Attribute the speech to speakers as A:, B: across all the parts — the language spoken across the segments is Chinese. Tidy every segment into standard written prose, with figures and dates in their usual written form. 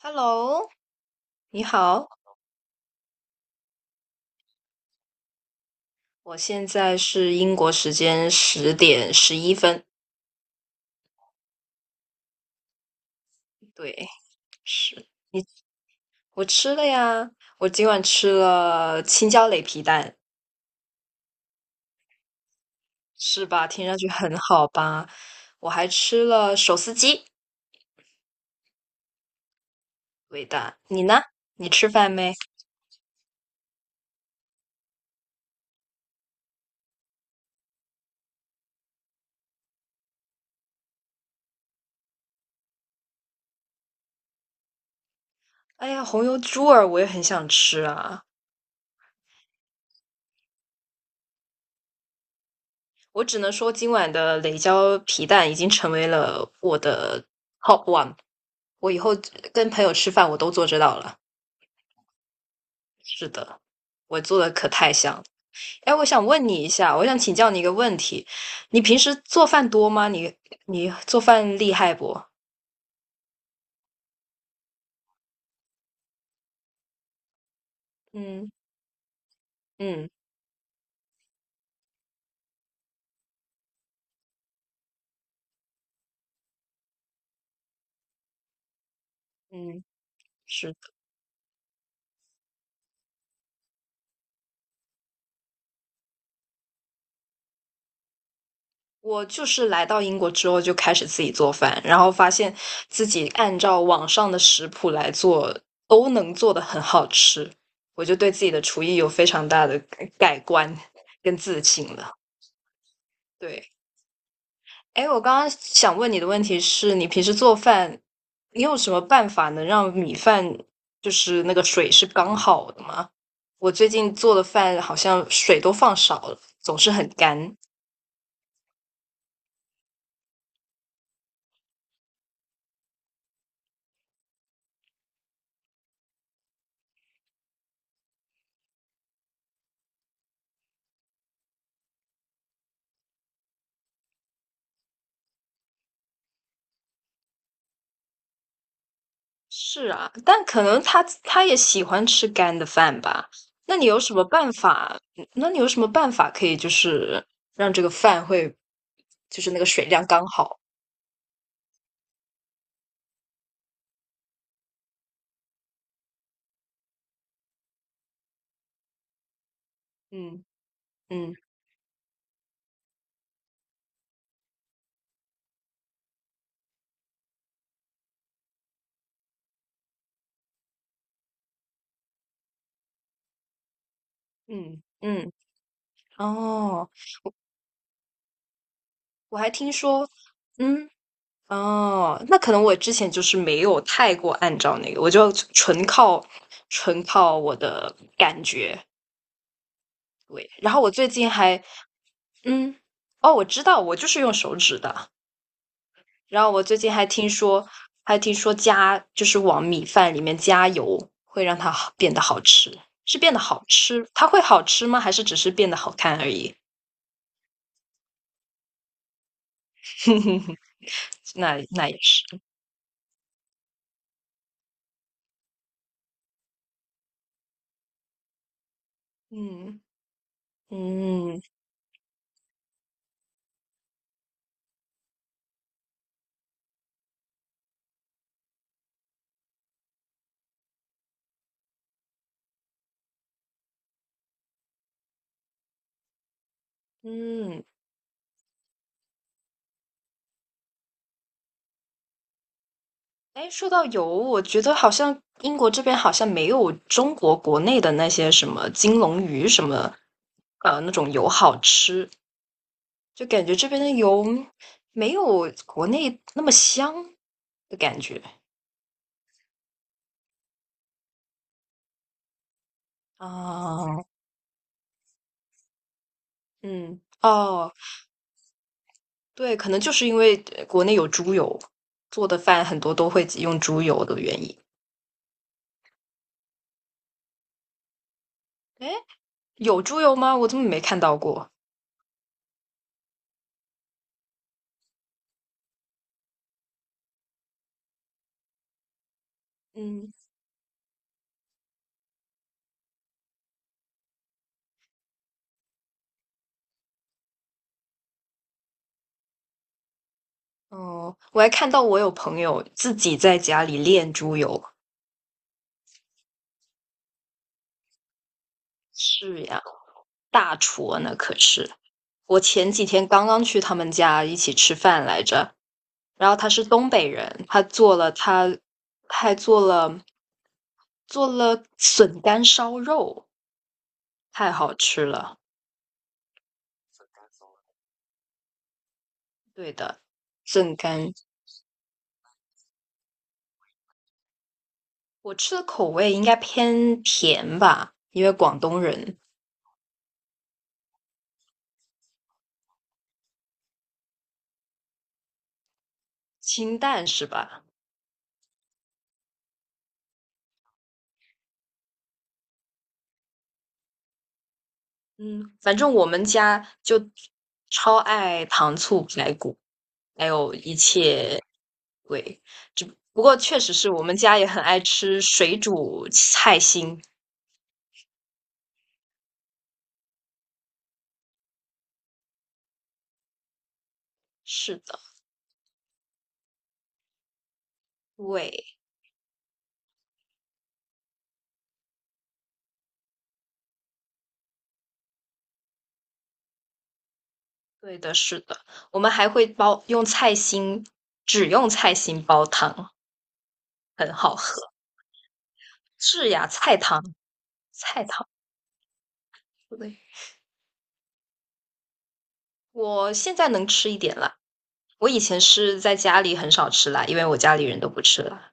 A: Hello，你好，我现在是英国时间10:11。对，是你，我吃了呀，我今晚吃了青椒擂皮蛋。是吧？听上去很好吧？我还吃了手撕鸡，味道。你呢？你吃饭没？哎呀，红油猪耳我也很想吃啊。我只能说，今晚的擂椒皮蛋已经成为了我的 top one。我以后跟朋友吃饭，我都做这道了。是的，我做的可太像了。哎，我想问你一下，我想请教你一个问题：你平时做饭多吗？你做饭厉害不？嗯嗯嗯，是的，我就是来到英国之后就开始自己做饭，然后发现自己按照网上的食谱来做，都能做的很好吃，我就对自己的厨艺有非常大的改观跟自信了。对。哎，我刚刚想问你的问题是你平时做饭，你有什么办法能让米饭就是那个水是刚好的吗？我最近做的饭好像水都放少了，总是很干。是啊，但可能他也喜欢吃干的饭吧？那你有什么办法？那你有什么办法可以就是让这个饭会就是那个水量刚好？嗯嗯嗯嗯。哦，我还听说，嗯。哦，那可能我之前就是没有太过按照那个，我就纯靠我的感觉。对，然后我最近还，嗯，哦，我知道，我就是用手指的。然后我最近还听说，还听说加就是往米饭里面加油，会让它好变得好吃，是变得好吃，它会好吃吗？还是只是变得好看而已？那也是，嗯嗯嗯。哎，说到油，我觉得好像英国这边好像没有中国国内的那些什么金龙鱼什么，那种油好吃，就感觉这边的油没有国内那么香的感觉啊。嗯，哦，对，可能就是因为国内有猪油，做的饭很多都会用猪油的原因。哎，有猪油吗？我怎么没看到过？嗯，哦，我还看到我有朋友自己在家里炼猪油。是呀，大厨啊那可是。我前几天刚刚去他们家一起吃饭来着，然后他是东北人，他做了他还做了笋干烧肉，太好吃了。对的，笋干，我吃的口味应该偏甜吧，因为广东人，清淡是吧？嗯，反正我们家就超爱糖醋排骨，还有一切对，只不过确实是我们家也很爱吃水煮菜心。是的，对，对的，是的，我们还会煲用菜心，只用菜心煲汤，很好喝。是呀，菜汤，菜汤，对。我现在能吃一点了。我以前是在家里很少吃辣，因为我家里人都不吃辣。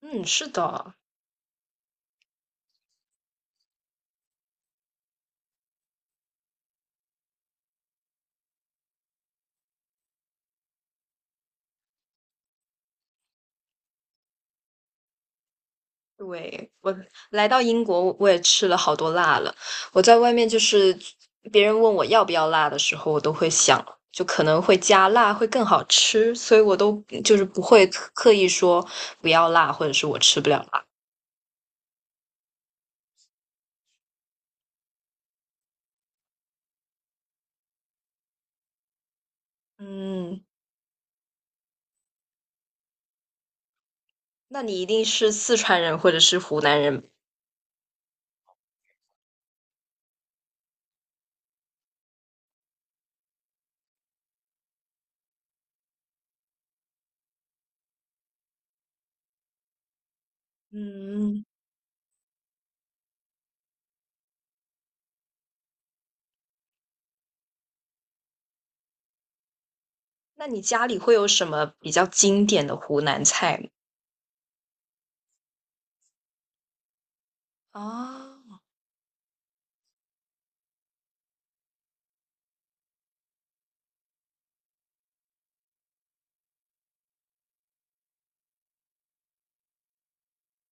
A: 嗯，是的。对，我来到英国，我也吃了好多辣了。我在外面就是别人问我要不要辣的时候，我都会想，就可能会加辣会更好吃，所以我都就是不会刻意说不要辣，或者是我吃不了辣。嗯，那你一定是四川人或者是湖南人。嗯，那你家里会有什么比较经典的湖南菜吗？啊，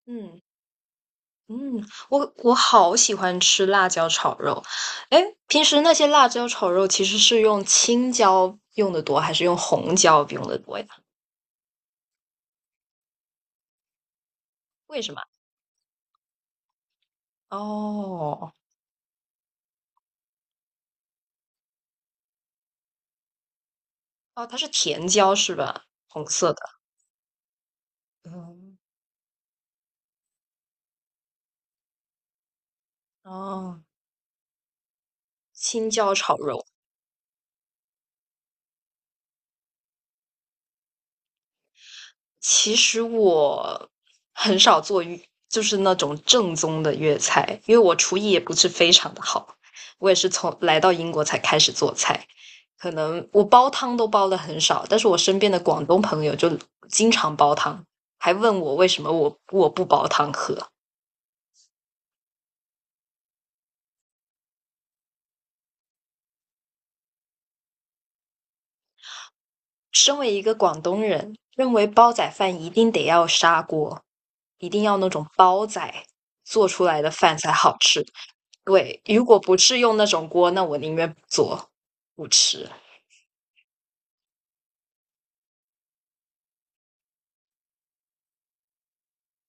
A: 嗯。嗯，我好喜欢吃辣椒炒肉。哎，平时那些辣椒炒肉其实是用青椒用的多，还是用红椒用的多呀？为什么？哦，哦，它是甜椒是吧？红色的。嗯，哦，青椒炒肉。其实我很少做粤就是那种正宗的粤菜，因为我厨艺也不是非常的好，我也是从来到英国才开始做菜。可能我煲汤都煲的很少，但是我身边的广东朋友就经常煲汤，还问我为什么我不煲汤喝。身为一个广东人，认为煲仔饭一定得要砂锅，一定要那种煲仔做出来的饭才好吃。对，如果不是用那种锅，那我宁愿不做，不吃。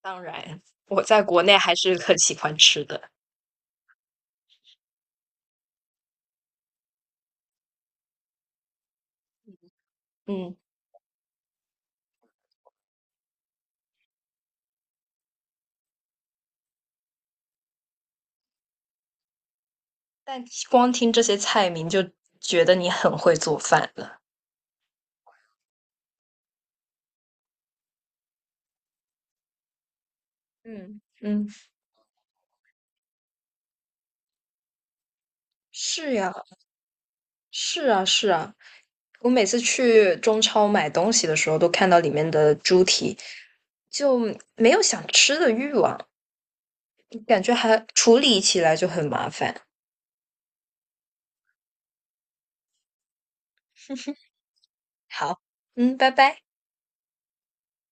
A: 当然，我在国内还是很喜欢吃的，嗯。但光听这些菜名就觉得你很会做饭了。嗯嗯，是呀，是啊，是啊。我每次去中超买东西的时候，都看到里面的猪蹄，就没有想吃的欲望，感觉还处理起来就很麻烦。好，嗯，拜拜。